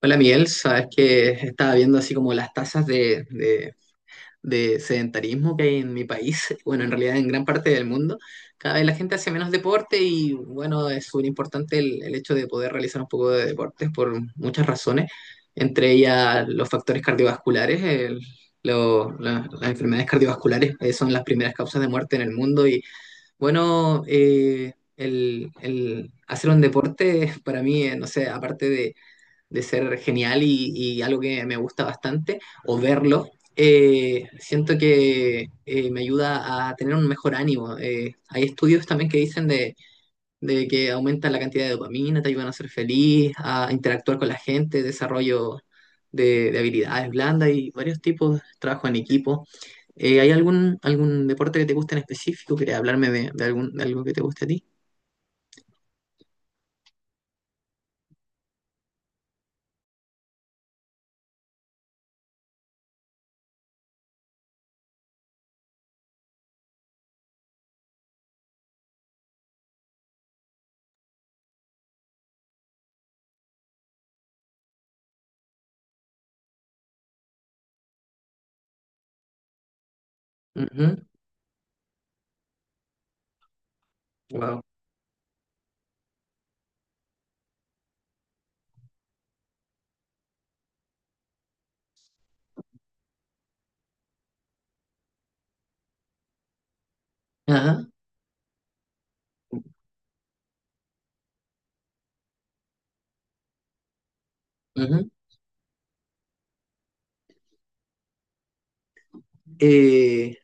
Hola Miguel, sabes que estaba viendo así como las tasas de sedentarismo que hay en mi país, bueno, en realidad en gran parte del mundo. Cada vez la gente hace menos deporte y bueno, es súper importante el hecho de poder realizar un poco de deportes por muchas razones, entre ellas los factores cardiovasculares. Las enfermedades cardiovasculares son las primeras causas de muerte en el mundo y bueno, el hacer un deporte para mí, no sé, aparte de ser genial y algo que me gusta bastante, o verlo, siento que me ayuda a tener un mejor ánimo. Hay estudios también que dicen de que aumenta la cantidad de dopamina, te ayudan a ser feliz, a interactuar con la gente, desarrollo de habilidades blandas y varios tipos, trabajo en equipo. ¿Hay algún deporte que te guste en específico? ¿Quieres hablarme de algo que te guste a ti? Ujú. Wow. Ajá. Ujú. Eh,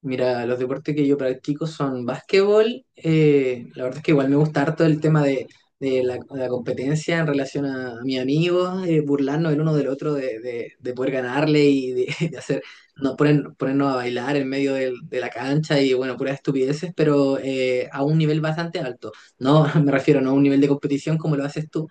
Mira, los deportes que yo practico son básquetbol. La verdad es que igual me gusta harto el tema de la competencia en relación a mis amigos, burlarnos el uno del otro, de, de poder ganarle y de, de hacer, no, ponernos a bailar en medio de la cancha y bueno, puras estupideces, pero a un nivel bastante alto. No, me refiero no a un nivel de competición como lo haces tú.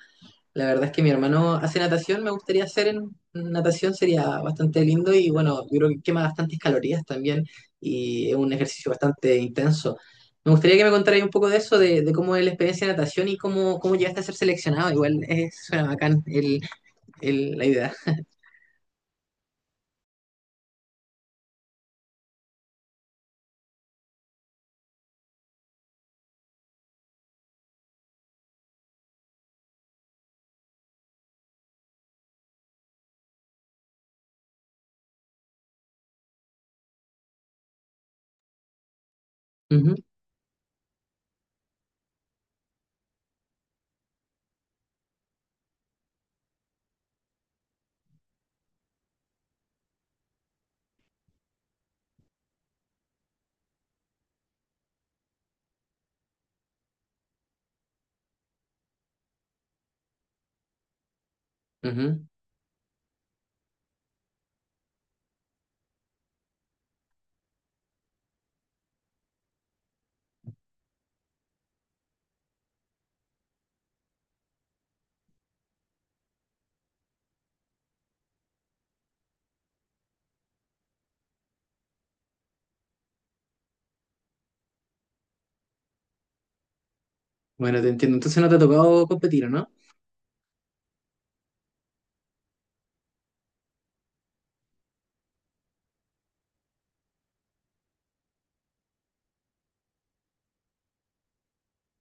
La verdad es que mi hermano hace natación, me gustaría hacer en natación, sería bastante lindo y bueno, yo creo que quema bastantes calorías también y es un ejercicio bastante intenso. Me gustaría que me contarais un poco de eso, de cómo es la experiencia de natación y cómo llegaste a ser seleccionado. Igual es, suena bacán la idea. Ujú. Ujú. Bueno, te entiendo. Entonces no te ha tocado competir, ¿o no?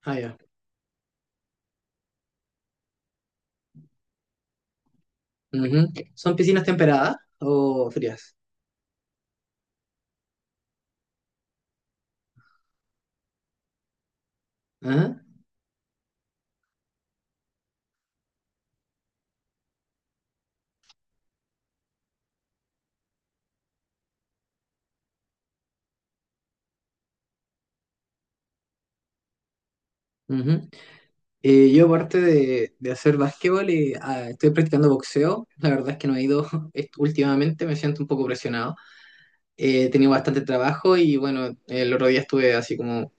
Ah, ya. Ujú. ¿Son piscinas temperadas o frías? Ajá. Ujú. Yo aparte de hacer básquetbol, estoy practicando boxeo. La verdad es que no he ido últimamente, me siento un poco presionado. He tenido bastante trabajo y bueno, el otro día estuve así como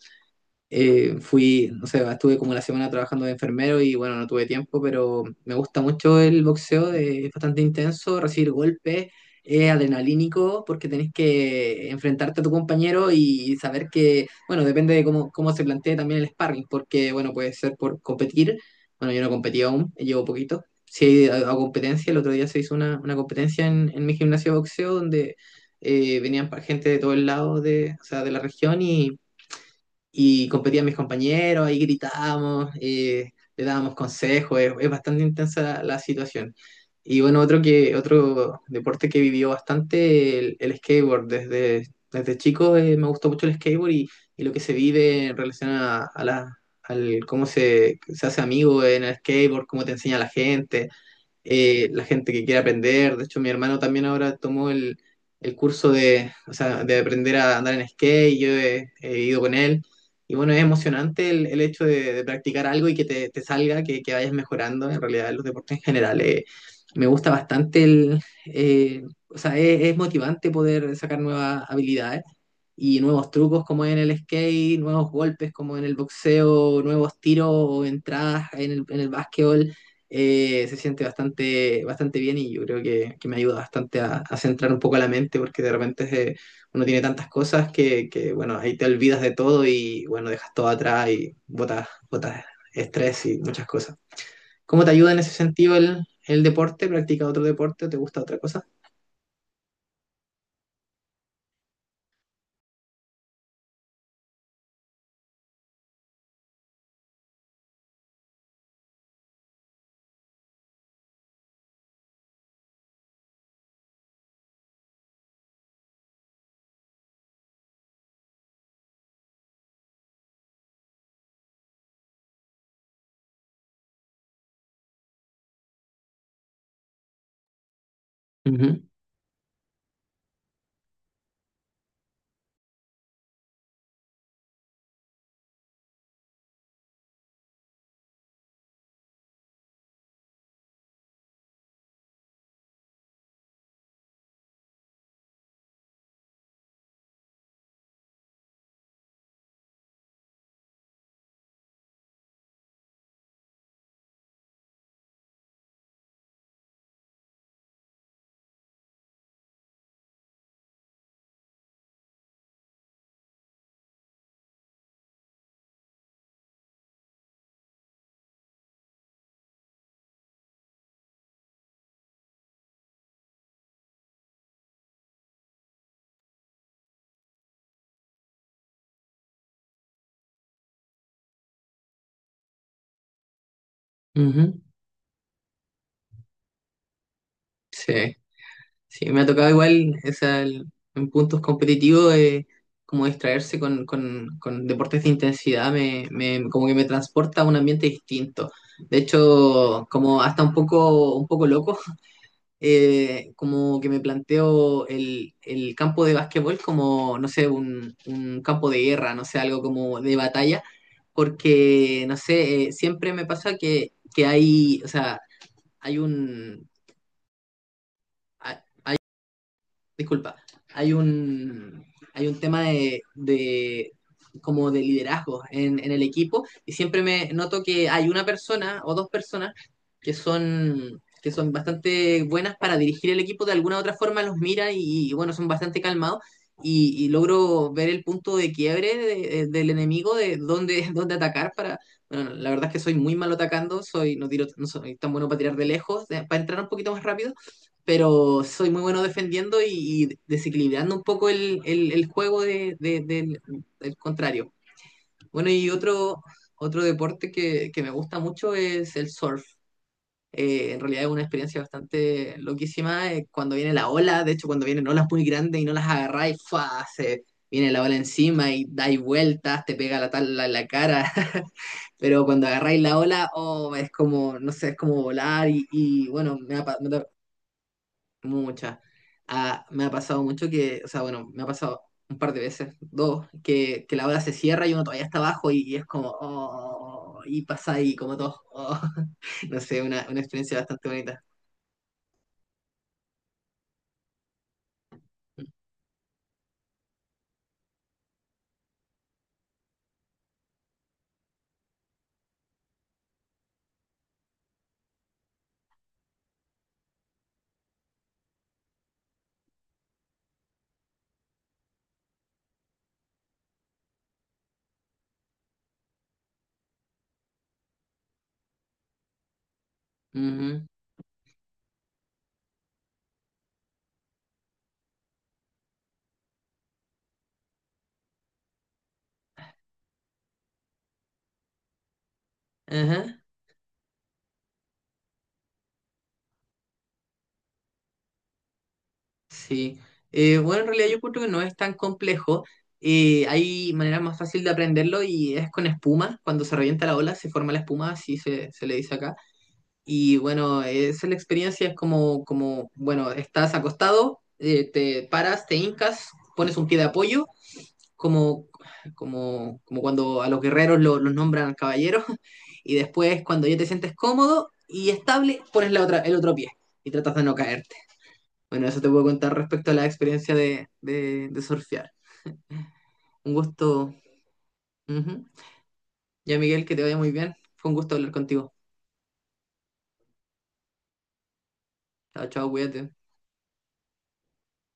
fui, no sé, estuve como la semana trabajando de enfermero y bueno, no tuve tiempo, pero me gusta mucho el boxeo, es bastante intenso, recibir golpes, es adrenalínico porque tenés que enfrentarte a tu compañero y saber que, bueno, depende de cómo se plantee también el sparring, porque bueno, puede ser por competir, bueno, yo no competí aún, llevo poquito. Sí, a competencia, el otro día se hizo una competencia en mi gimnasio de boxeo donde venían gente de todos lados de, o sea, de la región y competían mis compañeros, ahí gritábamos, le dábamos consejos, es bastante intensa la situación. Y bueno, otro deporte que vivió bastante el skateboard. Desde chico me gustó mucho el skateboard y lo que se vive en relación al cómo se hace amigo en el skateboard, cómo te enseña la gente que quiere aprender. De hecho, mi hermano también ahora tomó el curso de, o sea, de aprender a andar en skate y yo he ido con él. Y bueno, es emocionante el hecho de practicar algo y que te salga, que vayas mejorando en realidad los deportes en general. Me gusta bastante eh, o sea, es motivante poder sacar nuevas habilidades y nuevos trucos como en el skate, nuevos golpes como en el boxeo, nuevos tiros o entradas en el básquetbol, se siente bastante, bastante bien y yo creo que me ayuda bastante a centrar un poco la mente porque de repente uno tiene tantas cosas que, bueno, ahí te olvidas de todo y bueno, dejas todo atrás y botas estrés y muchas cosas. ¿Cómo te ayuda en ese sentido el deporte? ¿Practicas otro deporte o te gusta otra cosa? Ujú. Ujú. Sí. Sí, me ha tocado igual, o sea, en puntos competitivos, como distraerse con, con deportes de intensidad, como que me transporta a un ambiente distinto. De hecho, como hasta un poco loco, como que me planteo el campo de básquetbol como, no sé, un campo de guerra, no sé, algo como de batalla, porque, no sé, siempre me pasa que hay, o sea, hay un... disculpa, hay un, hay un tema como de liderazgo en el equipo y siempre me noto que hay una persona o dos personas que son bastante buenas para dirigir el equipo, de alguna u otra forma los mira y, bueno, son bastante calmados. Y logro ver el punto de quiebre del enemigo, de dónde, dónde atacar para... Bueno, la verdad es que soy muy malo atacando, no tiro, no soy tan bueno para tirar de lejos, para entrar un poquito más rápido, pero soy muy bueno defendiendo y desequilibrando un poco el juego del contrario. Bueno, y otro deporte que me gusta mucho es el surf. En realidad es una experiencia bastante loquísima, cuando viene la ola, de hecho cuando vienen olas muy grandes y no las agarráis, ¡fua! Se viene la ola encima y dais vueltas, te pega la tabla en la cara. Pero cuando agarráis la ola, oh, es como, no sé, es como volar y, bueno, me ha Muchas. Ah, me ha pasado mucho que, o sea, bueno, me ha pasado un par de veces, dos, que la ola se cierra y uno todavía está abajo y es como, oh, y pasa ahí como todo, oh. No sé, una experiencia bastante bonita. Ujú. Ajá. Sí. Bueno, en realidad yo creo que no es tan complejo. Hay manera más fácil de aprenderlo y es con espuma. Cuando se revienta la ola, se forma la espuma, así se le dice acá. Y bueno, es la experiencia, es como, bueno, estás acostado, te paras, te hincas, pones un pie de apoyo, como, como cuando a los guerreros los nombran caballeros, y después cuando ya te sientes cómodo y estable, pones el otro pie y tratas de no caerte. Bueno, eso te puedo contar respecto a la experiencia de surfear. Un gusto. Ujú. Ya, Miguel, que te vaya muy bien. Fue un gusto hablar contigo. Chao, chao, cuídate.